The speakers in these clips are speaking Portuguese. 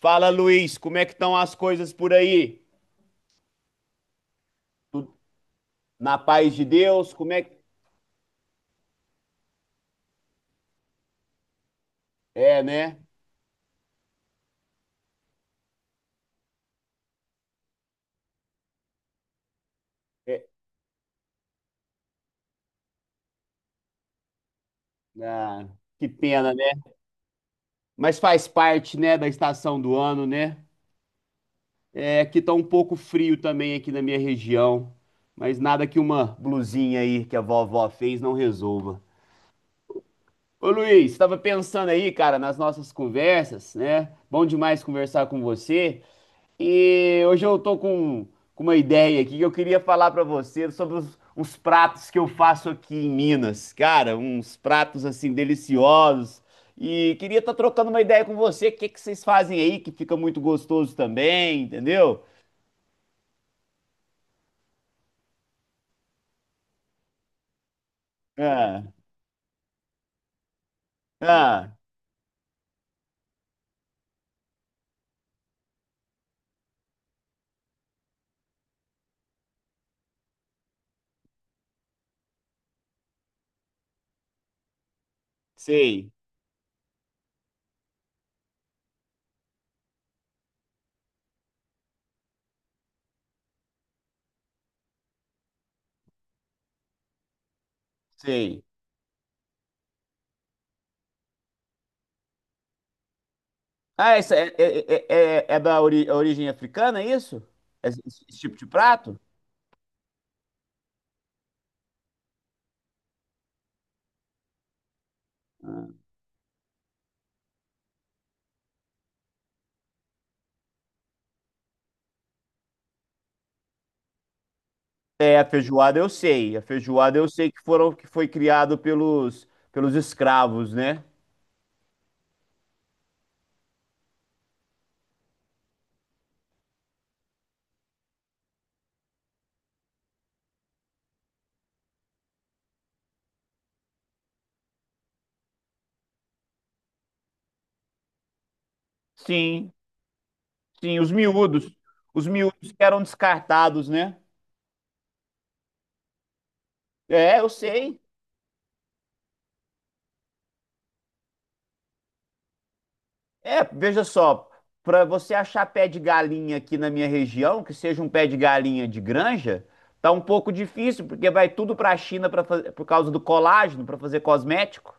Fala, Luiz, como é que estão as coisas por aí? Tu- Na paz de Deus, como é que... É, né? É, ah, que pena, né? Mas faz parte, né, da estação do ano, né? É que tá um pouco frio também aqui na minha região, mas nada que uma blusinha aí que a vovó fez não resolva. Ô, Luiz, estava pensando aí, cara, nas nossas conversas, né? Bom demais conversar com você. E hoje eu tô com uma ideia aqui que eu queria falar pra você sobre uns pratos que eu faço aqui em Minas. Cara, uns pratos assim deliciosos. E queria estar trocando uma ideia com você. O que que vocês fazem aí que fica muito gostoso também, entendeu? Ah, ah, sei, sei. Ah, essa é da origem africana, é isso? Esse tipo de prato? É, a feijoada eu sei. A feijoada eu sei que foram que foi criado pelos pelos escravos, né? Sim, sim, os miúdos. Os miúdos que eram descartados, né? É, eu sei. É, veja só, para você achar pé de galinha aqui na minha região, que seja um pé de galinha de granja, tá um pouco difícil, porque vai tudo para a China pra, por causa do colágeno, para fazer cosmético.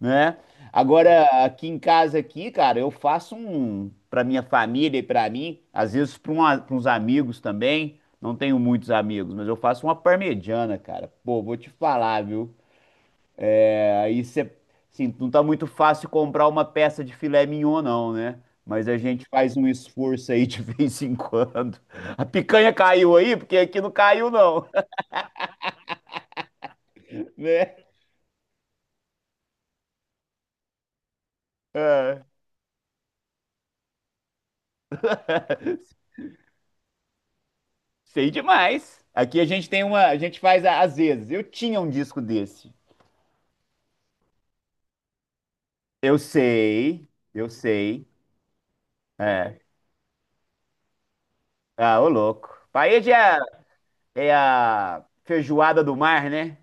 Né? Agora, aqui em casa aqui, cara, eu faço um para minha família e para mim, às vezes para uns amigos também. Não tenho muitos amigos, mas eu faço uma parmegiana, cara. Pô, vou te falar, viu? Aí você, assim, não tá muito fácil comprar uma peça de filé mignon, não, né? Mas a gente faz um esforço aí de vez em quando. A picanha caiu aí, porque aqui não caiu, não, né? É, sei demais. Aqui a gente tem uma, a gente faz às vezes. Eu tinha um disco desse. Eu sei, eu sei. É. Ah, ô louco. Paella é a feijoada do mar, né?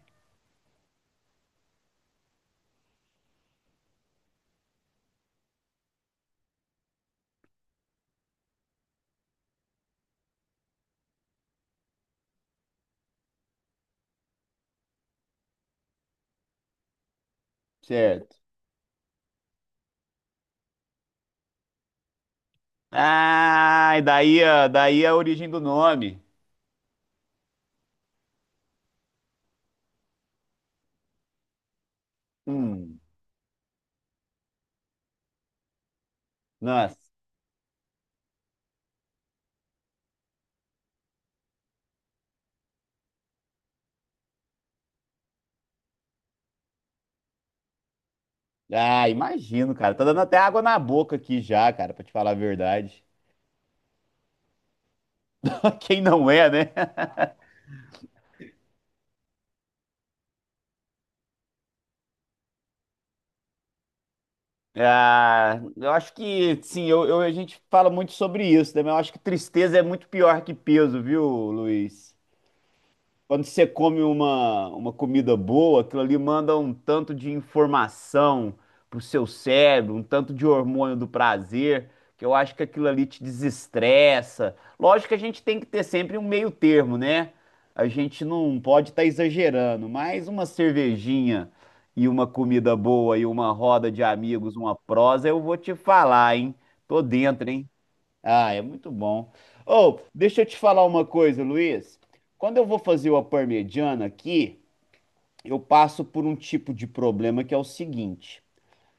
Certo. Ah, e daí, daí é a origem do nome. Hum, nossa. Ah, imagino, cara. Tá dando até água na boca aqui já, cara, pra te falar a verdade. Quem não é, né? Ah, eu acho que, sim, a gente fala muito sobre isso, né? Mas eu acho que tristeza é muito pior que peso, viu, Luiz? Quando você come uma comida boa, aquilo ali manda um tanto de informação pro seu cérebro, um tanto de hormônio do prazer, que eu acho que aquilo ali te desestressa. Lógico que a gente tem que ter sempre um meio termo, né? A gente não pode estar exagerando, mas uma cervejinha e uma comida boa e uma roda de amigos, uma prosa, eu vou te falar, hein? Tô dentro, hein? Ah, é muito bom. Ou, deixa eu te falar uma coisa, Luiz. Quando eu vou fazer uma parmegiana aqui, eu passo por um tipo de problema que é o seguinte.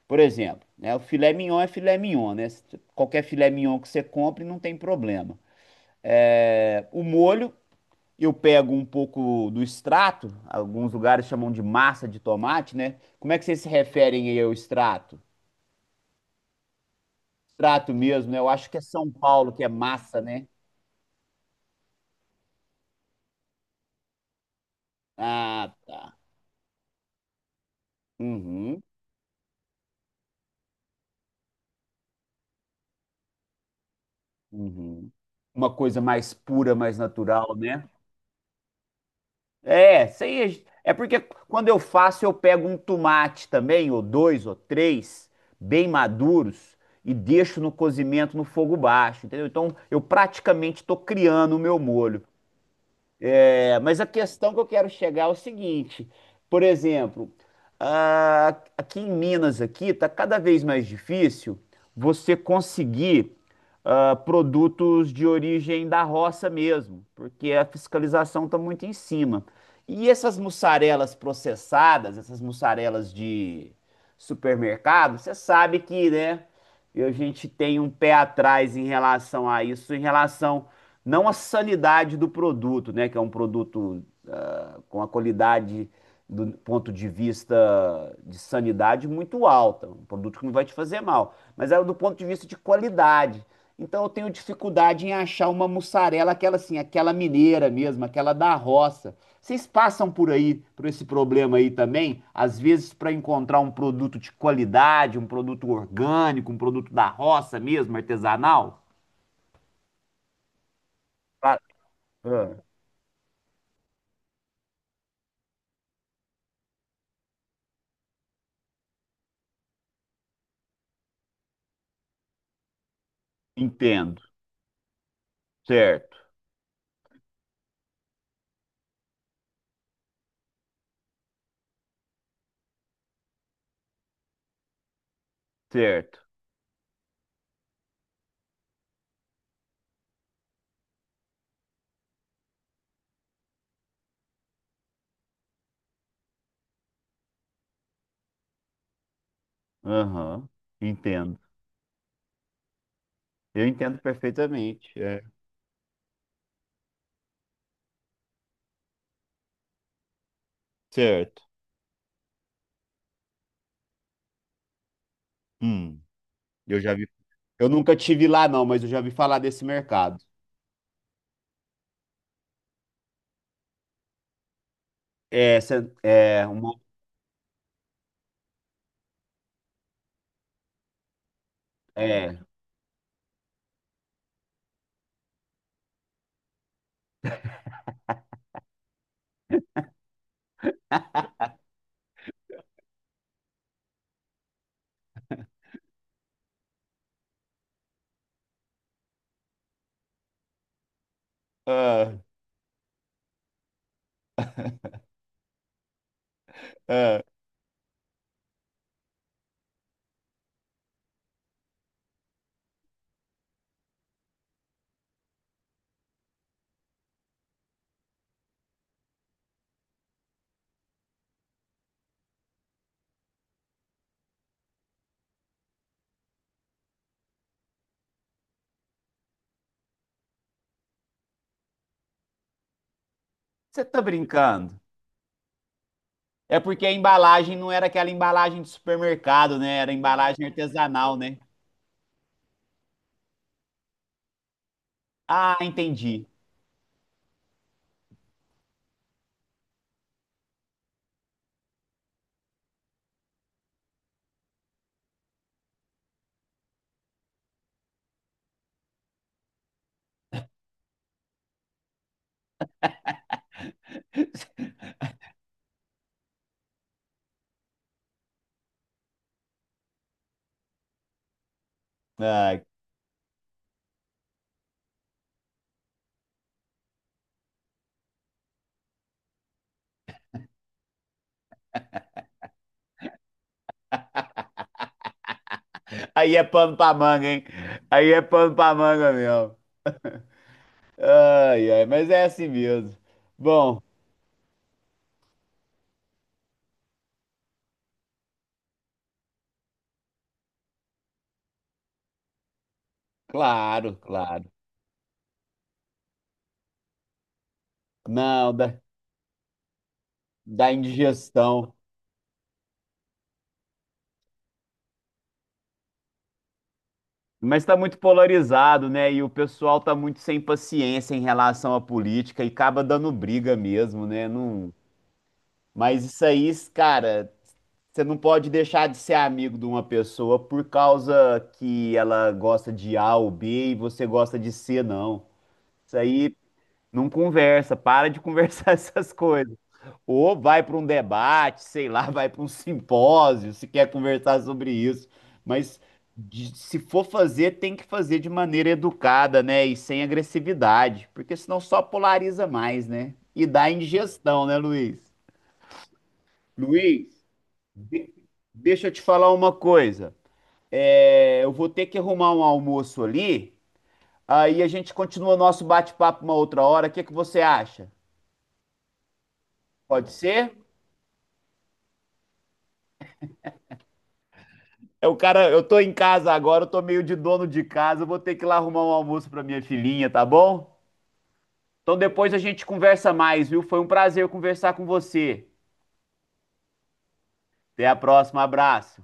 Por exemplo, né, o filé mignon é filé mignon, né? Qualquer filé mignon que você compre, não tem problema. É, o molho, eu pego um pouco do extrato, alguns lugares chamam de massa de tomate, né? Como é que vocês se referem aí ao extrato? Extrato mesmo, né? Eu acho que é São Paulo que é massa, né? Ah, tá. Uhum. Uhum. Uma coisa mais pura, mais natural, né? É, isso aí é, é porque quando eu faço, eu pego um tomate também, ou dois, ou três, bem maduros, e deixo no cozimento no fogo baixo, entendeu? Então eu praticamente estou criando o meu molho. É, mas a questão que eu quero chegar é o seguinte, por exemplo, aqui em Minas aqui tá cada vez mais difícil você conseguir produtos de origem da roça mesmo, porque a fiscalização está muito em cima. E essas mussarelas processadas, essas mussarelas de supermercado, você sabe que, né, a gente tem um pé atrás em relação a isso, em relação não a sanidade do produto, né? Que é um produto com a qualidade do ponto de vista de sanidade muito alta, um produto que não vai te fazer mal, mas é do ponto de vista de qualidade. Então eu tenho dificuldade em achar uma mussarela, aquela assim, aquela mineira mesmo, aquela da roça. Vocês passam por aí, por esse problema aí também? Às vezes para encontrar um produto de qualidade, um produto orgânico, um produto da roça mesmo, artesanal? Ah, ah, entendo. Certo, certo. Aham, entendo. Eu entendo perfeitamente. É, certo. Hum, eu já vi. Eu nunca tive lá, não, mas eu já vi falar desse mercado. É, é uma. É. Ah, ah. Você tá brincando? É porque a embalagem não era aquela embalagem de supermercado, né? Era embalagem artesanal, né? Ah, entendi. Ai, aí é pano pra manga, hein? Aí é pano pra manga mesmo. Ai, ai, mas é assim mesmo. Bom. Claro, claro. Não, da, da indigestão. Mas está muito polarizado, né? E o pessoal tá muito sem paciência em relação à política e acaba dando briga mesmo, né? Não... Mas isso aí, cara, você não pode deixar de ser amigo de uma pessoa por causa que ela gosta de A ou B e você gosta de C, não. Isso aí não conversa, para de conversar essas coisas. Ou vai para um debate, sei lá, vai para um simpósio, se quer conversar sobre isso. Mas se for fazer, tem que fazer de maneira educada, né? E sem agressividade, porque senão só polariza mais, né? E dá indigestão, né, Luiz? Luiz, de- deixa eu te falar uma coisa. É, eu vou ter que arrumar um almoço ali, aí a gente continua nosso bate-papo uma outra hora. O que que você acha? Pode ser? É o cara, eu tô em casa agora, eu tô meio de dono de casa, eu vou ter que ir lá arrumar um almoço pra minha filhinha, tá bom? Então depois a gente conversa mais, viu? Foi um prazer conversar com você. Até a próxima, abraço.